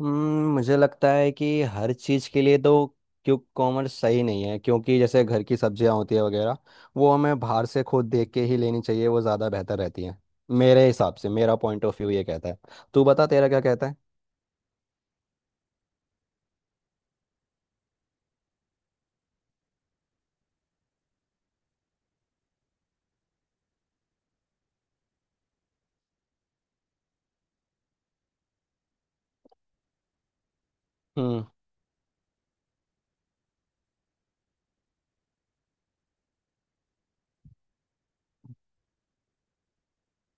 मुझे लगता है कि हर चीज़ के लिए तो क्यों कॉमर्स सही नहीं है क्योंकि जैसे घर की सब्जियां होती है वगैरह वो हमें बाहर से खुद देख के ही लेनी चाहिए। वो ज़्यादा बेहतर रहती है। मेरे हिसाब से मेरा पॉइंट ऑफ व्यू ये कहता है। तू बता तेरा क्या कहता है। हम्म।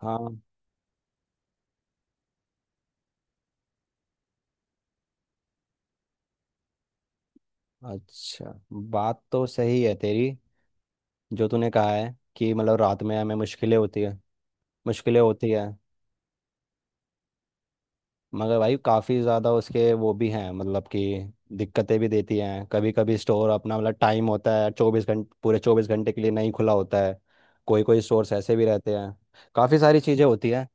हाँ। अच्छा। बात तो सही है तेरी। जो तूने कहा है कि मतलब रात में हमें मुश्किलें होती है। मुश्किलें होती है मगर भाई काफ़ी ज़्यादा उसके वो भी हैं मतलब कि दिक्कतें भी देती हैं। कभी कभी स्टोर अपना मतलब टाइम होता है 24 घंटे पूरे 24 घंटे के लिए नहीं खुला होता है। कोई कोई स्टोर्स ऐसे भी रहते हैं। काफ़ी सारी चीज़ें होती हैं।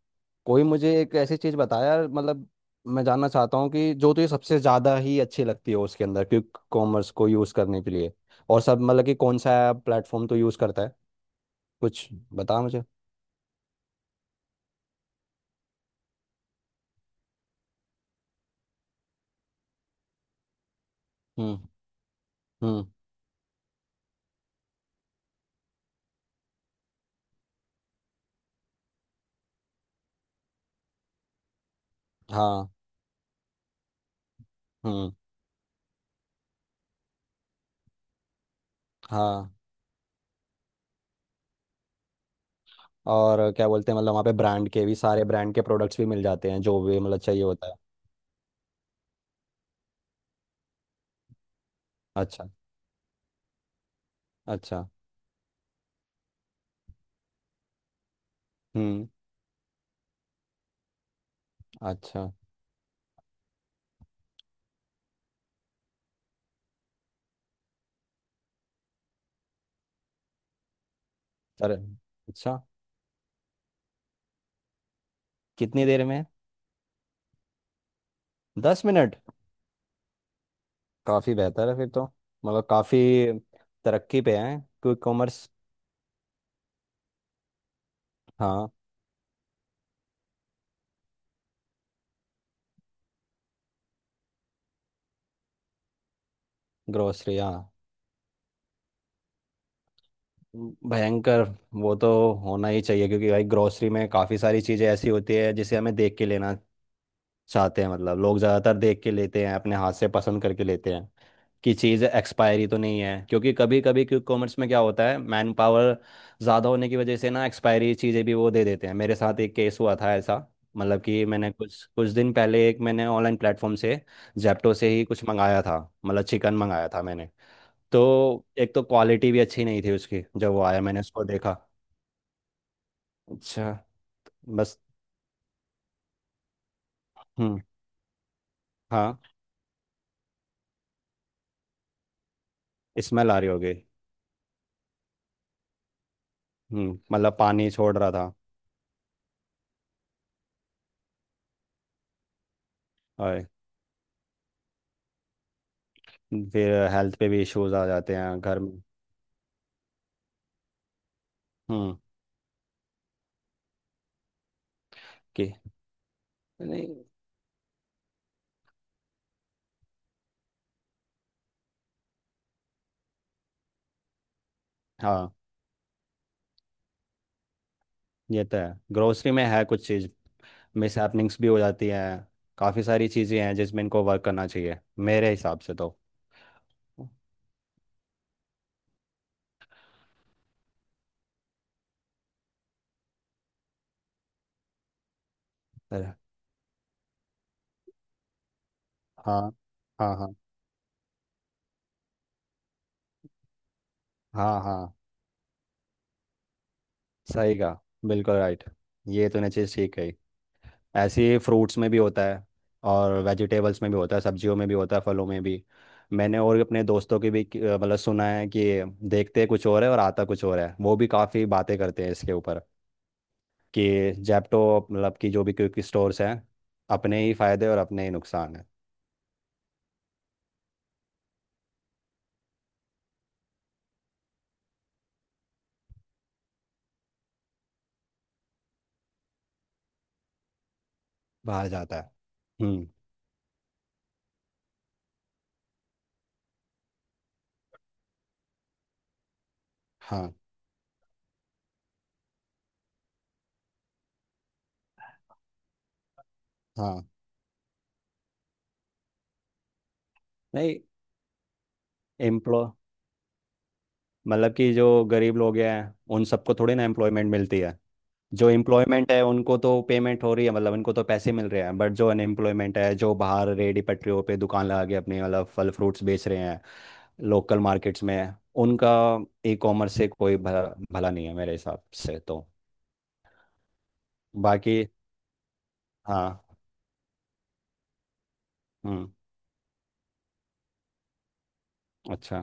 कोई मुझे एक ऐसी चीज़ बताया मतलब मैं जानना चाहता हूँ कि जो तुझे सबसे ज़्यादा ही अच्छी लगती हो उसके अंदर क्विक कॉमर्स को यूज़ करने के लिए। और सब मतलब कि कौन सा प्लेटफॉर्म तो यूज़ करता है कुछ। बता मुझे। हम्म। हम्म। हाँ। हम्म। हाँ। और क्या बोलते हैं मतलब वहाँ पे ब्रांड के भी सारे ब्रांड के प्रोडक्ट्स भी मिल जाते हैं जो भी मतलब चाहिए होता है। अच्छा। अच्छा। हम्म। अच्छा। अरे। अच्छा। कितनी देर में? 10 मिनट? काफ़ी बेहतर है फिर तो। मतलब काफ़ी तरक्की पे है क्विक कॉमर्स। हाँ। ग्रोसरी। हाँ। भयंकर। वो तो होना ही चाहिए क्योंकि भाई ग्रोसरी में काफ़ी सारी चीज़ें ऐसी होती है जिसे हमें देख के लेना चाहते हैं मतलब लोग ज़्यादातर देख के लेते हैं अपने हाथ से पसंद करके लेते हैं कि चीज़ एक्सपायरी तो नहीं है क्योंकि कभी कभी क्विक कॉमर्स में क्या होता है मैन पावर ज़्यादा होने की वजह से ना एक्सपायरी चीज़ें भी वो दे देते हैं। मेरे साथ एक केस हुआ था ऐसा। मतलब कि मैंने कुछ कुछ दिन पहले एक मैंने ऑनलाइन प्लेटफॉर्म से जेप्टो से ही कुछ मंगाया था। मतलब चिकन मंगाया था मैंने। तो एक तो क्वालिटी भी अच्छी नहीं थी उसकी जब वो आया मैंने उसको देखा। अच्छा। बस। हम्म। हाँ। स्मेल आ रही होगी। मतलब पानी छोड़ रहा था। और फिर हेल्थ पे भी इश्यूज आ जाते हैं घर में। हम्म। कि नहीं। हाँ। ये तो है। ग्रोसरी में है कुछ चीज़ मिस हैपनिंग्स भी हो जाती हैं। काफ़ी सारी चीज़ें हैं जिसमें इनको वर्क करना चाहिए मेरे हिसाब से तो। पर हाँ। हाँ। हाँ। हाँ। हाँ। सही कहा। बिल्कुल राइट। ये तूने चीज़ ठीक कही। ऐसे ही फ्रूट्स में भी होता है और वेजिटेबल्स में भी होता है सब्जियों में भी होता है फलों में भी। मैंने और अपने दोस्तों की भी मतलब सुना है कि देखते कुछ और है और आता कुछ और है वो भी काफ़ी बातें करते हैं इसके ऊपर कि जैप्टो मतलब कि जो भी क्विक स्टोर्स हैं अपने ही फायदे और अपने ही नुकसान है। बाहर जाता है। हम्म। हाँ। हाँ। नहीं। एम्प्लॉय। मतलब कि जो गरीब लोग हैं उन सबको थोड़ी ना एम्प्लॉयमेंट मिलती है। जो एम्प्लॉयमेंट है उनको तो पेमेंट हो रही है मतलब उनको तो पैसे मिल रहे हैं बट जो अनएम्प्लॉयमेंट है जो बाहर रेडी पटरियों पे दुकान लगा के अपने मतलब फल फ्रूट्स बेच रहे हैं लोकल मार्केट्स में उनका ई कॉमर्स से कोई भला भला नहीं है मेरे हिसाब से तो। बाकी। हाँ। हम्म। अच्छा।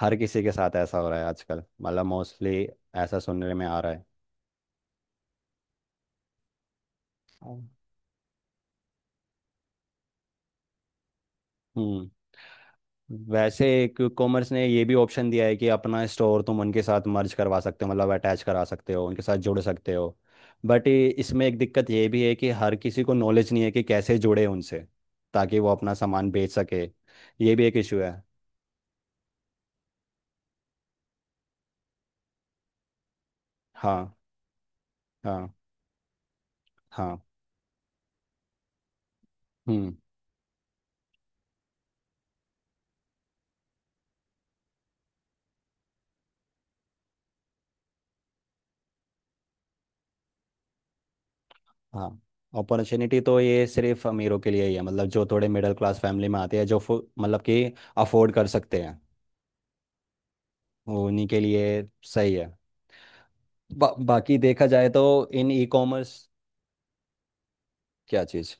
हर किसी के साथ ऐसा हो रहा है आजकल मतलब मोस्टली ऐसा सुनने में आ रहा है। हाँ। हम्म। वैसे क्विक कॉमर्स ने ये भी ऑप्शन दिया है कि अपना स्टोर तुम उनके साथ मर्ज करवा सकते हो मतलब अटैच करा सकते हो उनके साथ जुड़ सकते हो बट इसमें एक दिक्कत ये भी है कि हर किसी को नॉलेज नहीं है कि कैसे जुड़े उनसे ताकि वो अपना सामान बेच सके। ये भी एक इशू है। हाँ। हाँ। हाँ। हम्म। हाँ। अपॉर्चुनिटी तो ये सिर्फ अमीरों के लिए ही है मतलब जो थोड़े मिडिल क्लास फैमिली में आते हैं जो मतलब कि अफोर्ड कर सकते हैं। वो उन्हीं के लिए। सही है। बाकी देखा जाए तो। इन ई कॉमर्स? क्या चीज़?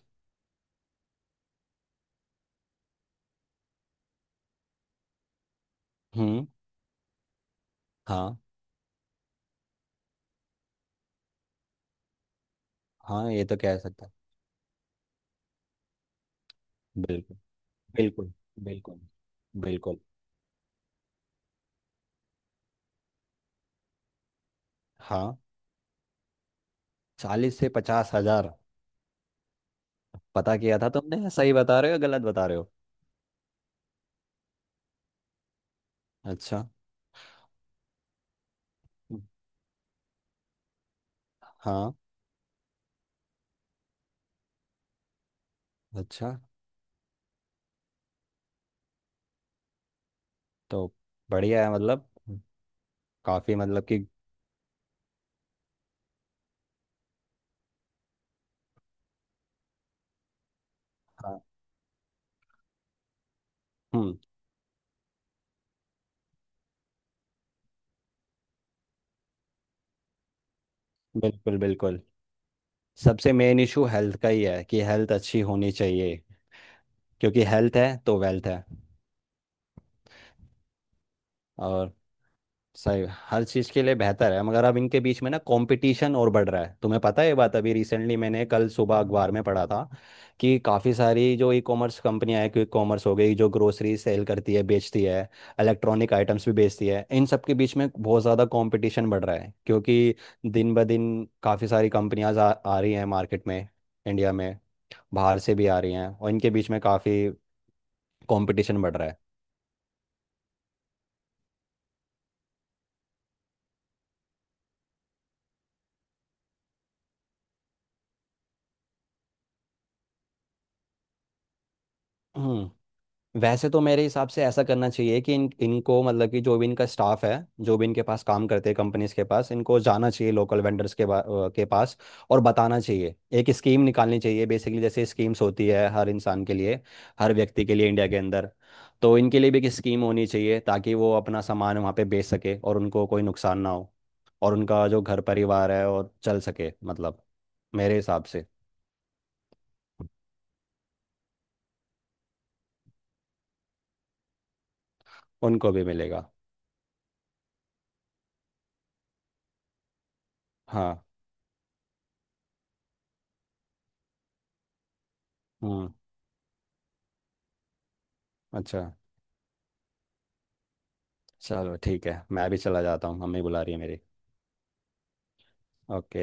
हम्म। हाँ। हाँ। ये तो कह सकता है। बिल्कुल। बिल्कुल। बिल्कुल। बिल्कुल। हाँ। 40 से 50 हजार? पता किया था तुमने सही बता रहे हो या गलत बता रहे हो? अच्छा। हम्म। हाँ। अच्छा। तो बढ़िया है मतलब। काफी मतलब कि। हाँ। हम्म। बिल्कुल बिल्कुल। सबसे मेन इशू हेल्थ का ही है कि हेल्थ अच्छी होनी चाहिए क्योंकि हेल्थ है तो वेल्थ है। और सही। हर चीज़ के लिए बेहतर है मगर अब इनके बीच में ना कंपटीशन और बढ़ रहा है तुम्हें पता है? ये बात अभी रिसेंटली मैंने कल सुबह अखबार में पढ़ा था कि काफ़ी सारी जो ई कॉमर्स कंपनियां हैं क्विक कॉमर्स हो गई जो ग्रोसरी सेल करती है बेचती है इलेक्ट्रॉनिक आइटम्स भी बेचती है। इन सब के बीच में बहुत ज़्यादा कंपटीशन बढ़ रहा है क्योंकि दिन ब दिन काफ़ी सारी कंपनियां आ रही हैं मार्केट में इंडिया में बाहर से भी आ रही हैं और इनके बीच में काफ़ी कंपटीशन बढ़ रहा है। हम्म, वैसे तो मेरे हिसाब से ऐसा करना चाहिए कि इन इनको मतलब कि जो भी इनका स्टाफ है जो भी इनके पास काम करते हैं कंपनीज के पास इनको जाना चाहिए लोकल वेंडर्स के के पास और बताना चाहिए। एक स्कीम निकालनी चाहिए बेसिकली जैसे स्कीम्स होती है हर इंसान के लिए हर व्यक्ति के लिए इंडिया के अंदर। तो इनके लिए भी एक स्कीम होनी चाहिए ताकि वो अपना सामान वहाँ पे बेच सके और उनको कोई नुकसान ना हो। और उनका जो घर परिवार है और चल सके मतलब मेरे हिसाब से। उनको भी मिलेगा। हाँ। हाँ। अच्छा। चलो ठीक है मैं भी चला जाता हूँ मम्मी बुला रही है मेरी। ओके।